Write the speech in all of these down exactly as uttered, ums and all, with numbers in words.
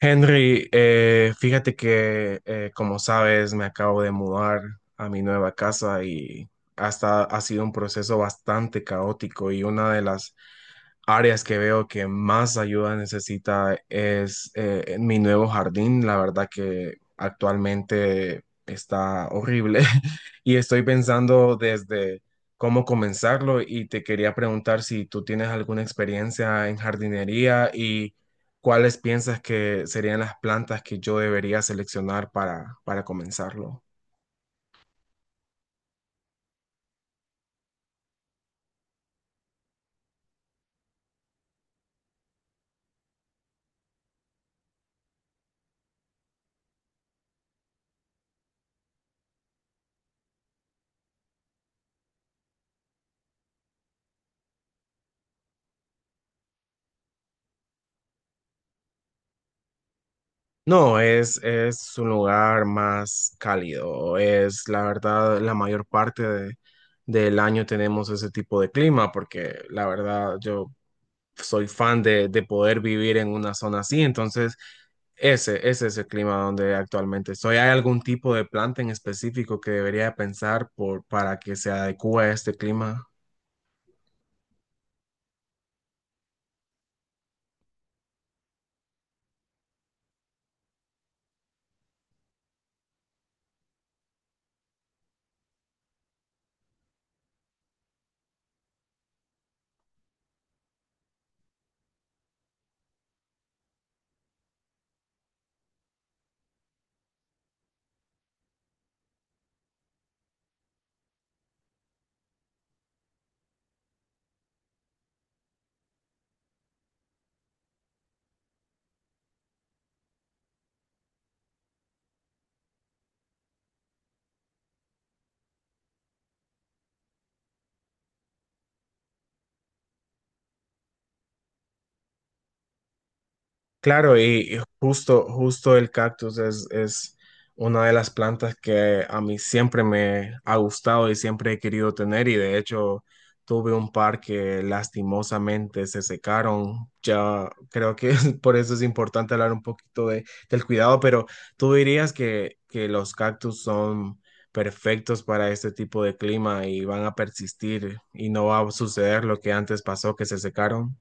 Henry, eh, fíjate que eh, como sabes, me acabo de mudar a mi nueva casa y hasta ha sido un proceso bastante caótico, y una de las áreas que veo que más ayuda necesita es, eh, en mi nuevo jardín. La verdad que actualmente está horrible y estoy pensando desde cómo comenzarlo, y te quería preguntar si tú tienes alguna experiencia en jardinería y... ¿cuáles piensas que serían las plantas que yo debería seleccionar para, para comenzarlo? No, es, es un lugar más cálido. Es la verdad, la mayor parte de- del año tenemos ese tipo de clima, porque la verdad yo soy fan de, de poder vivir en una zona así. Entonces, ese, ese es el clima donde actualmente estoy. ¿Hay algún tipo de planta en específico que debería pensar por, para que se adecue a este clima? Claro, y y justo, justo el cactus es, es una de las plantas que a mí siempre me ha gustado y siempre he querido tener, y de hecho tuve un par que lastimosamente se secaron. Ya creo que por eso es importante hablar un poquito de, del cuidado, pero tú dirías que, que los cactus son perfectos para este tipo de clima y van a persistir, y no va a suceder lo que antes pasó, que se secaron.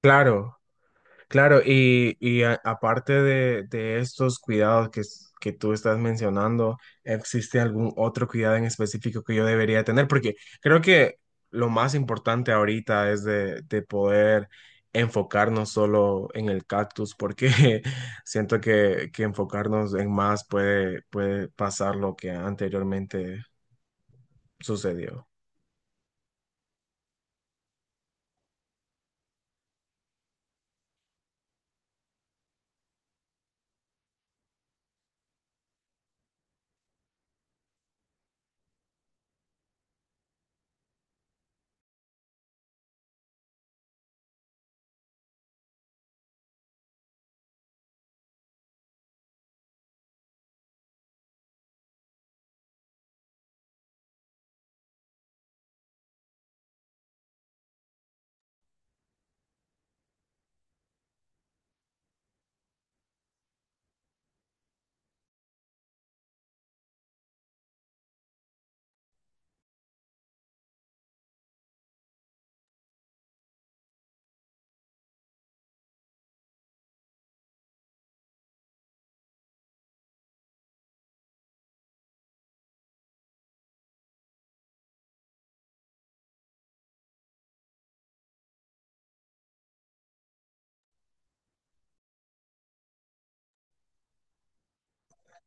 Claro. Claro, y, y a- aparte de, de estos cuidados que, s- que tú estás mencionando, ¿existe algún otro cuidado en específico que yo debería tener? Porque creo que lo más importante ahorita es de, de poder enfocarnos solo en el cactus, porque siento que, que enfocarnos en más puede, puede pasar lo que anteriormente sucedió.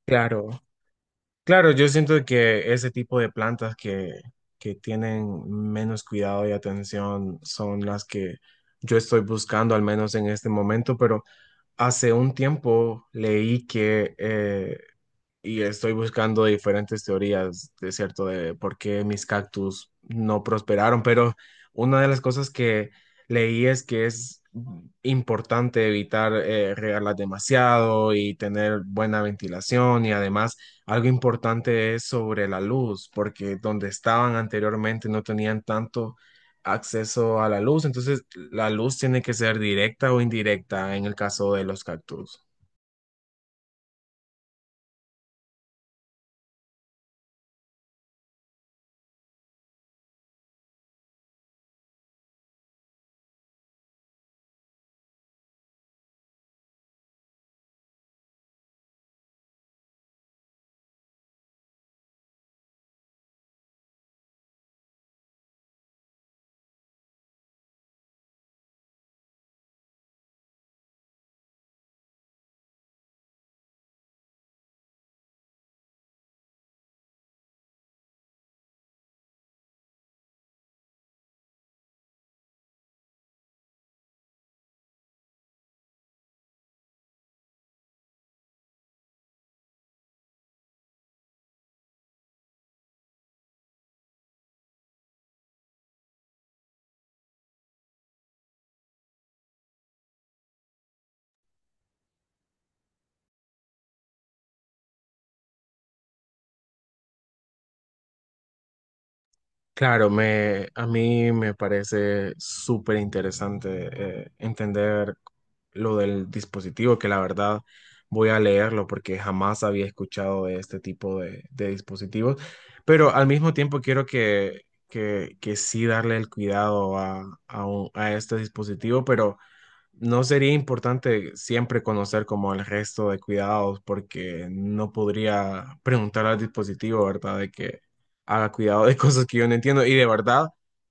Claro. Claro, yo siento que ese tipo de plantas que, que tienen menos cuidado y atención son las que yo estoy buscando, al menos en este momento, pero hace un tiempo leí que eh, y estoy buscando diferentes teorías, de cierto, de por qué mis cactus no prosperaron, pero una de las cosas que leí es que es importante evitar eh, regarlas demasiado y tener buena ventilación, y además algo importante es sobre la luz, porque donde estaban anteriormente no tenían tanto acceso a la luz. Entonces, la luz tiene que ser directa o indirecta en el caso de los cactus. Claro, me, a mí me parece súper interesante, eh, entender lo del dispositivo, que la verdad voy a leerlo porque jamás había escuchado de este tipo de, de dispositivos, pero al mismo tiempo quiero que, que, que sí darle el cuidado a, a, un- a este dispositivo, pero no sería importante siempre conocer como el resto de cuidados, porque no podría preguntar al dispositivo, ¿verdad? De que haga cuidado de cosas que yo no entiendo, y de verdad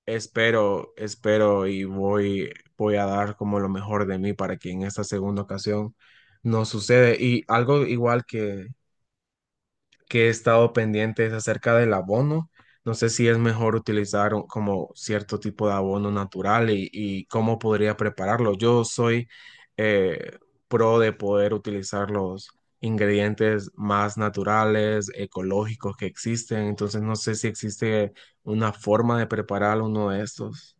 espero, espero y voy, voy a dar como lo mejor de mí para que en esta segunda ocasión no sucede. Y algo igual que que he estado pendiente es acerca del abono. No sé si es mejor utilizar un- como cierto tipo de abono natural, y, y cómo podría prepararlo. Yo soy eh, pro de poder utilizar los ingredientes más naturales, ecológicos que existen. Entonces no sé si existe una forma de preparar uno de estos.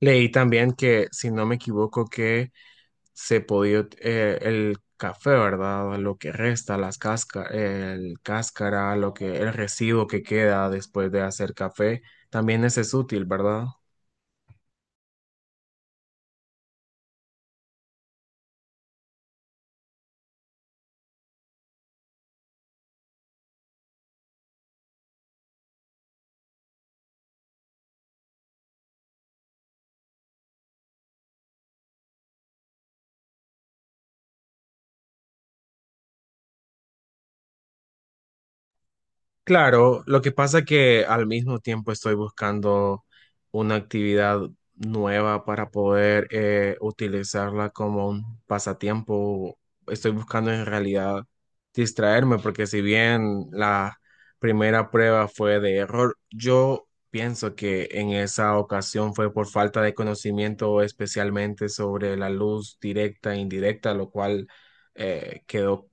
Leí también que, si no me equivoco, que se podía, eh, el café, ¿verdad? Lo que resta, las casca, el cáscara, lo que, el residuo que queda después de hacer café, también ese es útil, ¿verdad? Claro, lo que pasa que al mismo tiempo estoy buscando una actividad nueva para poder eh, utilizarla como un pasatiempo. Estoy buscando en realidad distraerme, porque si bien la primera prueba fue de error, yo pienso que en esa ocasión fue por falta de conocimiento, especialmente sobre la luz directa e indirecta, lo cual eh, quedó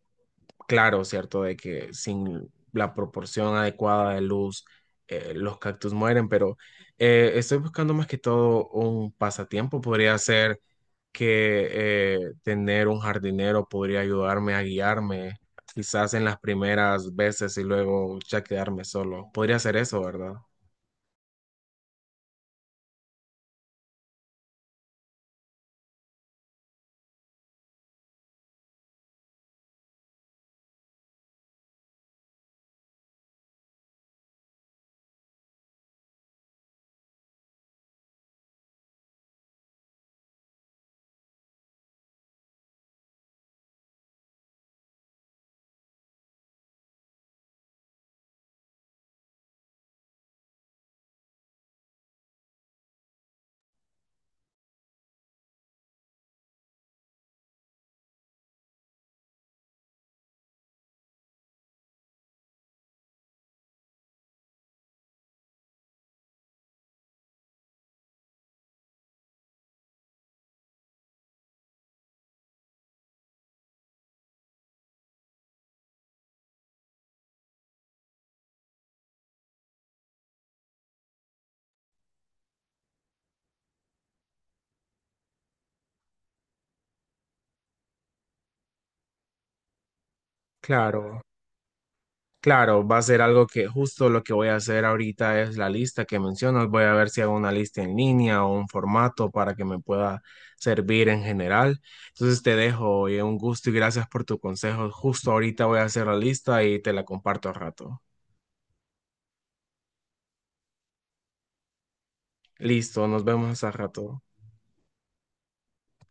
claro, ¿cierto? De que sin la proporción adecuada de luz, eh, los cactus mueren, pero eh, estoy buscando más que todo un pasatiempo. Podría ser que eh, tener un jardinero podría ayudarme a guiarme, quizás en las primeras veces y luego ya quedarme solo. Podría ser eso, ¿verdad? Claro. Claro, va a ser algo que justo lo que voy a hacer ahorita es la lista que mencionas. Voy a ver si hago una lista en línea o un formato para que me pueda servir en general. Entonces te dejo, oye, un gusto y gracias por tu consejo. Justo ahorita voy a hacer la lista y te la comparto al rato. Listo, nos vemos al rato.